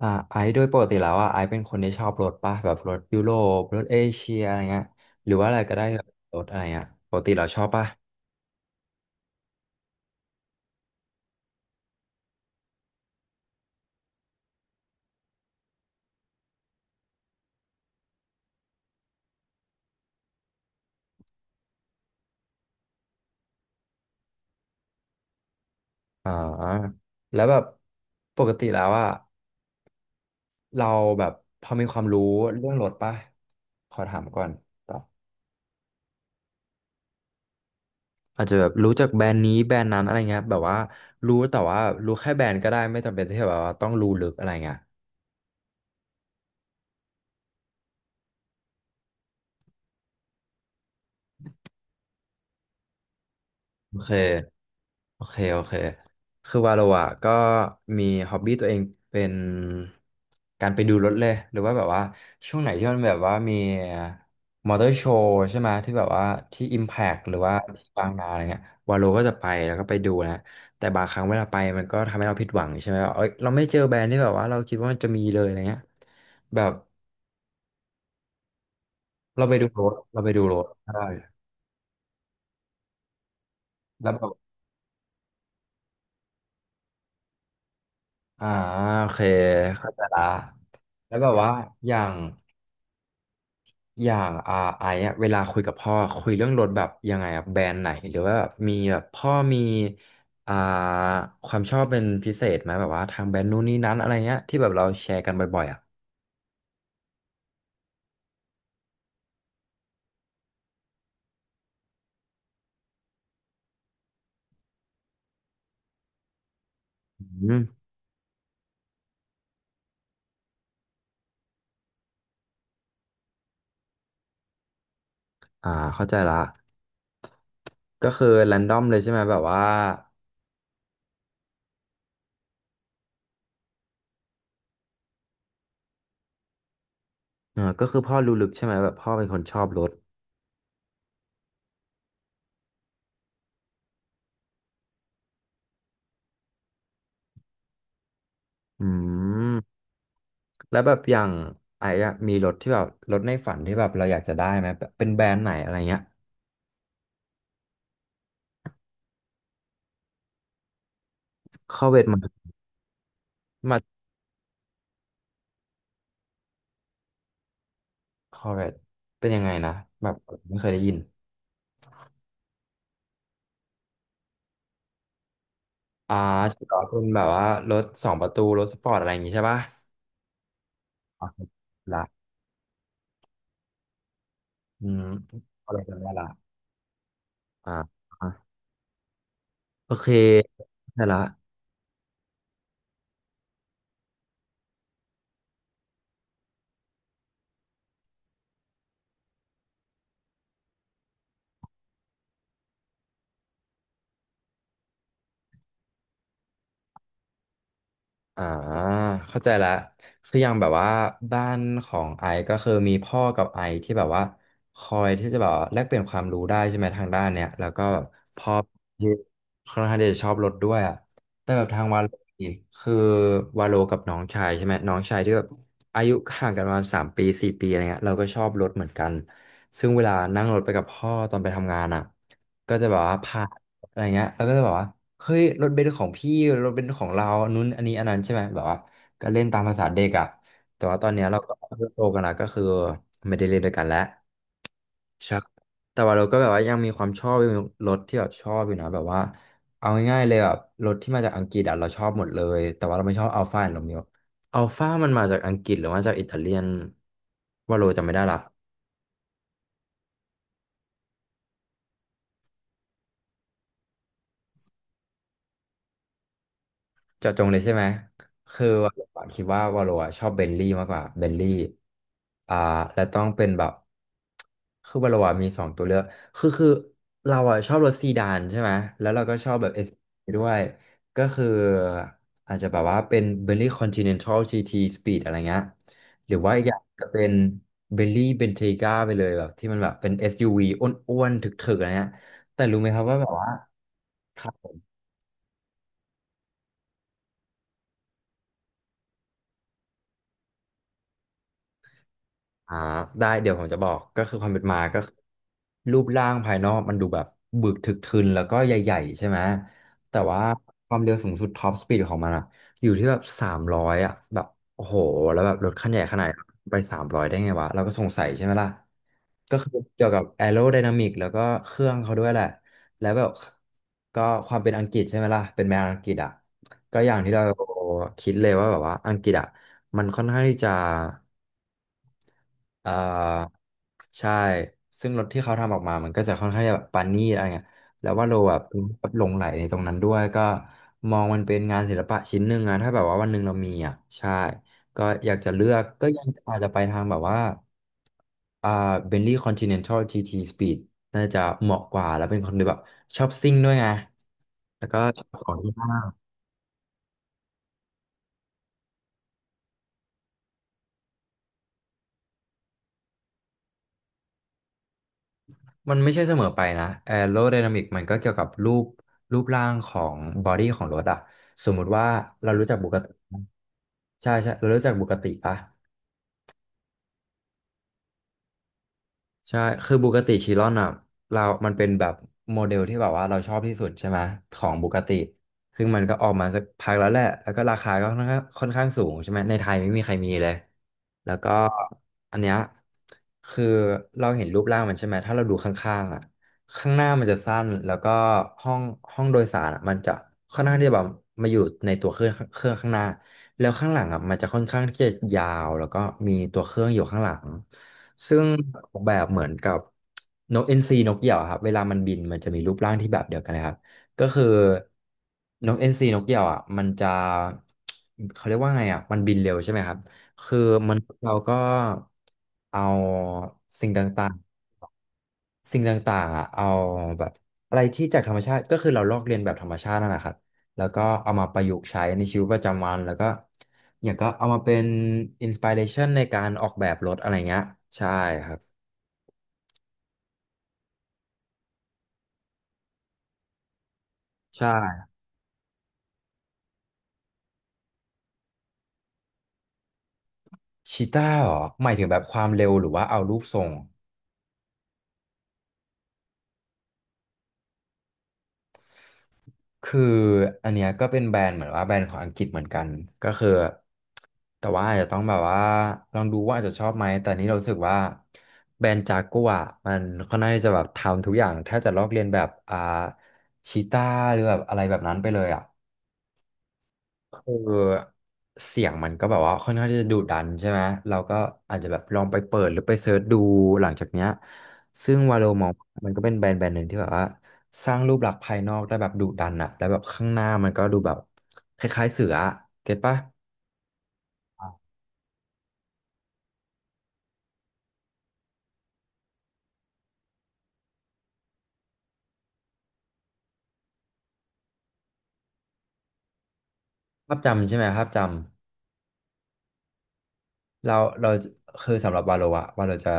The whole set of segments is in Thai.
ไอซ์โดยปกติแล้วอ่ะไอซ์เป็นคนที่ชอบรถป่ะแบบรถยุโรปรถเอเชียอะไรเงี้ยหรือว่าอะไรก็ได้แบบรถอะไรเงี้ยปกติเราชอบป่ะอ่าแล้วแบบปกติแล้วอ่ะเราแบบพอมีความรู้เรื่องรถป่ะขอถามก่อนตบบอาจจะแบบรู้จักแบรนด์นี้แบรนด์นั้นอะไรเงี้ยแบบว่ารู้แต่ว่ารู้แค่แบรนด์ก็ได้ไม่จำเป็นที่แบบว่าต้องรู้ลึกอะไรเงี้ย โอเคโอเคโอเค คือว่าเราอะก็มีฮ็อบบี้ตัวเองเป็นการไปดูรถเลย หรือว่าแบบว่าช่วงไหนที่มันแบบว่ามีมอเตอร์โชว์ใช่ไหมที่แบบว่าที่ Impact หรือว่าที่บางนาอะไรเงี้ยวาโลก็จะไปแล้วก็ไปดูนะแต่บางครั้งเวลาไปมันก็ทำให้เราผิดหวังใช่ไหมว่าเอ้ยเราไม่เจอแบรนด์ที่แบบว่าเราคิดว่ามันจะมีเลยอะไรเงี้ยแบบเราไปดูรถเราไปดูรถใช่แล้วแบบอ่าโอเคเข้าใจละแล้วแบบว่าอย่าง อย่างไอ้อะเวลาคุยกับพ่อคุยเรื่องรถแบบยังไงอะแบรนด์ไหนหรือว่าแบบมีแบบพ่อมีอ่าความชอบเป็นพิเศษไหมแบบว่าทางแบรนด์นู้นนี้นั้นอะไรเงี้ยที่แบบเราแชร์กันบ่อยๆอ่ะอืมอ่าเข้าใจละก็คือแรนดอมเลยใช่ไหมแบบว่าเออก็คือพ่อรู้ลึกใช่ไหมแบบพ่อเป็นคนชอบรถอืมแล้วแบบอย่างไอ้อะมีรถที่แบบรถในฝันที่แบบเราอยากจะได้ไหมแบบเป็นแบรนด์ไหนอะไรเงี้ยเข้อเวทมา คอร์เวตเป็นยังไงนะแบบไม่เคยได้ยินอ่าถือว่าเป็นแบบว่ารถสองประตูรถสปอร์ตอะไรอย่างงี้ใช่ปะอ๋อละอืมอะไรกันได้ละอ่าอ่าโอเคได้ละ อ่าเข้าใจละคืออย่างแบบว่าบ้านของไอซ์ก็คือมีพ่อกับไอซ์ที่แบบว่าคอยที่จะแบบว่าแลกเปลี่ยนความรู้ได้ใช่ไหมทางด้านเนี้ยแล้วก็พ่อที่ค่อนข้างที่จะชอบรถด้วยอ่ะแต่แบบทางวาโลนี่คือวาโลกับน้องชายใช่ไหมน้องชายที่แบบอายุห่างกันประมาณ3-4 ปีอะไรเงี้ยเราก็ชอบรถเหมือนกันซึ่งเวลานั่งรถไปกับพ่อตอนไปทำงานอ่ะก็จะแบบว่าพา อะไรเงี้ยแล้วก็จะแบบว่า เฮ้ยรถเบนซ์ของพี่รถเบนซ์ของเรานู้นอันนี้อันนั้นใช่ไหมแบบว่าก็เล่นตามภาษาเด็กอ่ะแต่ว่าตอนเนี้ยเราก็โตกันแล้วก็คือไม่ได้เล่นด้วยกันแล้วใช่แต่ว่าเราก็แบบว่ายังมีความชอบยังมีรถที่แบบชอบอยู่นะแบบว่าเอาง่ายๆเลยแบบรถที่มาจากอังกฤษอ่ะเราชอบหมดเลย แต่ว่าเราไม่ชอบอัลฟาโรเมโออัลฟามันมาจากอังกฤษหรือว่าจากอิตาเลียนว่าโรจำไม่ได้ละ เจาะจงเลยใช่ไหม คือวาโลอะคิดว่าวาโลอะชอบเบนลี่มากกว่าเบนลี่อ่าและต้องเป็นแบบคือวาโลอะมีสองตัวเลือกคือเราอะชอบรถซีดานใช่ไหมแล้วเราก็ชอบแบบเอสด้วยก็คืออาจจะแบบว่าเป็นเบนลี่คอนติเนนทัลจีทีสปีดอะไรเงี้ยหรือว่าอีกอย่างก็เป็นเบนลี่เบนเทก้าไปเลยแบบที่มันแบบเป็น SUV อสยูวีอ้วนๆถึกๆอะไรเงี้ยแต่รู้ไหมครับว่าแบบว่า อ่าได้เดี๋ยวผมจะบอกก็คือความเป็นมาก็คือรูปร่างภายนอกมันดูแบบบึกทึกทึนแล้วก็ใหญ่ๆใช่ไหมแต่ว่าความเร็วสูงสุดท็อปสปีดของมันอะอยู่ที่แบบสามร้อยอะแบบโอ้โหแล้วแบบรถคันใหญ่ขนาดนั้นไปสามร้อยได้ไงวะเราก็สงสัยใช่ไหมล่ะก็คือเกี่ยวกับแอโร d y นามิกแล้วก็เครื่องเขาด้วยแหละแล้วแบบก็ความเป็นอังกฤษใช่ไหมล่ะเป็นแมวอังกฤษอะก็อย่างที่เราคิดเลยว่าแบบว่าอังกฤษอะมันค่อนข้างที่จะ อ่าใช่ซึ่งรถที่เขาทำออกมามันก็จะค่อนข้างจะแบบปานนี่อะไรเงี้ยแล้วว่าเราแบบหลงไหลในตรงนั้นด้วยก็มองมันเป็นงานศิลปะชิ้นหนึ่งอะถ้าแบบว่าวันหนึ่งเรามีอ่ะใช่ก็อยากจะเลือกก็ยังอาจจะไปทางแบบว่าอ่าเบนลี่คอนติเนนทัลจีท Speed น่าจะเหมาะกว่าแล้วเป็นคนที่แบบชอบซิ่งด้วยไงแล้วก็ชอบของที่มาก มันไม่ใช่เสมอไปนะแอโร d y นามิกมันก็เกี่ยวกับรูปร่างของบอดี้ของรถอะสมมุติว่าเรารู้จักบุกติใช่ใช่เรารู้จักบุกติปะ ใช่ คือบูกาติชิรอนอ่ะเรามันเป็นแบบโมเดลที่แบบว่าเราชอบที่สุดใช่ไหมของบูกาติซึ่งมันก็ออกมาสักพักแล้วแหละแล้วก็ราคาก็ค่อนข้างสูงใช่ไหมในไทยไม่มีใครมีเลย แล้วก็อันเนี้ยคือเราเห็นรูปร่างมันใช่ไหม ถ้าเราดูข้างๆอ่ะข้างหน้ามันจะสั้น แล้วก็ห้องห้องโดยสารอะมันจะค่อนข้างที่จะแบบมาอยู่ในตัวเครื่องข้างหน้า แล้วข้างหลังอ่ะมันจะค่อนข้างที่จะยาวแล้วก็มีตัวเครื่องอยู่ข้างหลังซึ่งออกแบบเหมือนกับนกเอ็นซีนกเหยี่ยวอะครับเวลามันบินมันจะมีรูปร่างที่แบบเดียวกันเลยครับก็คือนกเอ็นซีนกเหยี่ยวอ่ะมันจะเขาเรียกว่าไงอ่ะมันบินเร็วใช่ไหมครับคือมนุษย์เราก็เอาสิ่งต่าง สิ่งต่างๆอ่ะเอาแบบอะไรที่จากธรรมชาติ ก็คือเราลอกเลียนแบบธรรมชาตินั่นแหละครับแล้วก็เอามาประยุกต์ใช้ในชีวิตประจำวัน แล้วก็อย่างก็เอามาเป็นอินสปิเรชันในการออกแบบรถอะไรเงี้ย ใช่ครับ ใช่ชีต้าเหรอหมายถึงแบบความเร็วหรือว่าเอารูปทรง คืออันเนี้ยก็เป็นแบรนด์เหมือนว่าแบรนด์ของอังกฤษเหมือนกันก็คือแต่ว่าอาจจะต้องแบบว่าลองดูว่าอาจจะชอบไหมแต่นี้เรารู้สึกว่าแบรนด์จากัวร์มันค่อนข้างที่จะแบบทำทุกอย่างแทบจะลอกเลียนแบบชีต้าหรือแบบอะไรแบบนั้นไปเลยอ่ะ คือเสียงมันก็แบบว่าค่อนข้างที่จะดุดันใช่ไหมเราก็อาจจะแบบลองไปเปิดหรือไปเซิร์ชดูหลังจากเนี้ยซึ่งวาโลมองมันก็เป็นแบรนด์หนึ่งที่แบบว่าสร้างรูปลักษณ์ภายนอกได้แบบดุดันอะแล้วแบบข้างหน้ามันก็ดูแบบคล้ายๆเสืออะเก็ตปะภาพจำใช่ไหมภาพจำ เราเราคือสำหรับวาโลอะวาโลจะ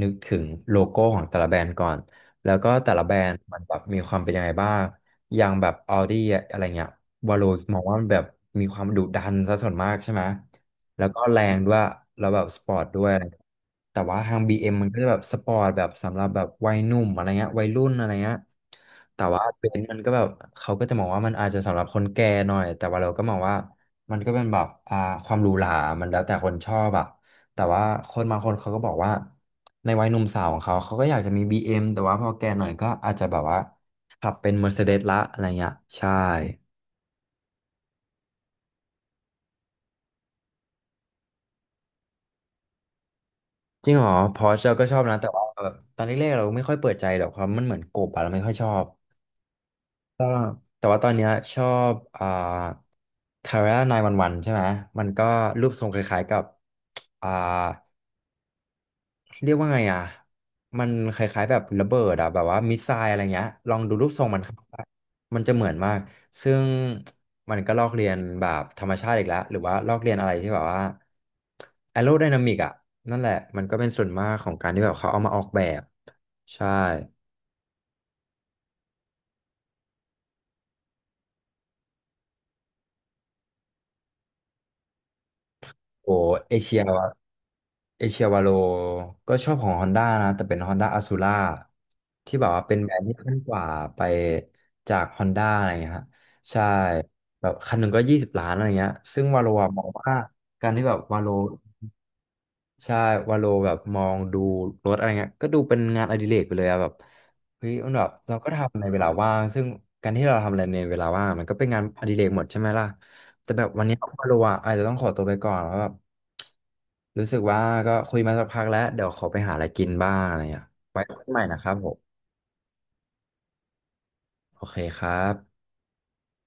นึกถึงโลโก้ของแต่ละแบรนด์ก่อนแล้วก็แต่ละแบรนด์มันแบบมีความเป็นยังไงบ้างอย่างแบบ Audi อะอะไรเงี้ยวาโลมองว่ามันแบบมีความดุดันซะส่วนมากใช่ไหมแล้วก็แรงด้วยแล้วแบบสปอร์ตด้วยอะไรแต่ว่าทาง BM มมันก็จะแบบสปอร์ตแบบสำหรับแบบวัยหนุ่มอะไรเงี้ยวัยรุ่นอะไรเงี้ยแต่ว่าเบนซ์มันก็แบบเขาก็จะมองว่ามันอาจจะสำหรับคนแก่หน่อยแต่ว่าเราก็มองว่า มันก็เป็นแบบความหรูหรามันแล้วแต่คนชอบอะแต่ว่าคนบางคนเขาก็บอกว่าในวัยหนุ่มสาวของเขาเขาก็อยากจะมี BM แต่ว่าพอแก่หน่อยก็อาจจะแบบว่าขับเป็น Mercedes ละอะไรเงี้ยใช่จริงเหรอพอร์เชเราก็ชอบนะแต่ว่าแบบตอนแรกๆเราไม่ค่อยเปิดใจหรอกความมันเหมือนกบอะเราไม่ค่อยชอบก็แต่ว่าตอนเนี้ยชอบคาร่านายวันวันใช่ไหมมันก็รูปทรงคล้ายๆกับอ่า เรียกว่าไงอ่ะมันคล้ายๆแบบระเบิดอ่ะแบบว่ามิสไซล์อะไรเงี้ยลองดูรูปทรงมันครับมันจะเหมือนมากซึ่งมันก็ลอกเลียนแบบธรรมชาติอีกแล้วหรือว่าลอกเลียนอะไรที่แบบว่าแอโรไดนามิกอ่ะนั่นแหละมันก็เป็นส่วนมากของการที่แบบเขาเอามาออกแบบใช่โอ้เอเชีย เอเชียวาโลก็ชอบของ Honda นะ แต่เป็น Honda Azura ที่แบบว่าเป็นแบรนด์ที่ขึ้นกว่าไปจาก Honda อะไรเงี้ยฮะใช่แบบคันหนึ่งก็20 ล้านอะไรเงี้ยซึ่งวาโลอะมองว่าการที่แบบวาโล ใช่วาโลแบบมองดูรถอะไรเงี้ยก็ดูเป็นงานอดิเรกไปเลยอะแบบเฮ้ยมันแบบเราก็ทำในเวลาว่างซึ่งการที่เราทำอะไรในเวลาว่างมันก็เป็นงานอดิเรกหมดใช่ไหมล่ะแต่แบบวันนี้วาโลอะอาจจะต้องขอตัวไปก่อนแล้วแบบรู้สึกว่าก็คุยมาสักพักแล้วเดี๋ยวขอไปหาอะไรกินบ้างอะไรเงี้ยไว้คุยใหม่นะครับผมโอเคครับ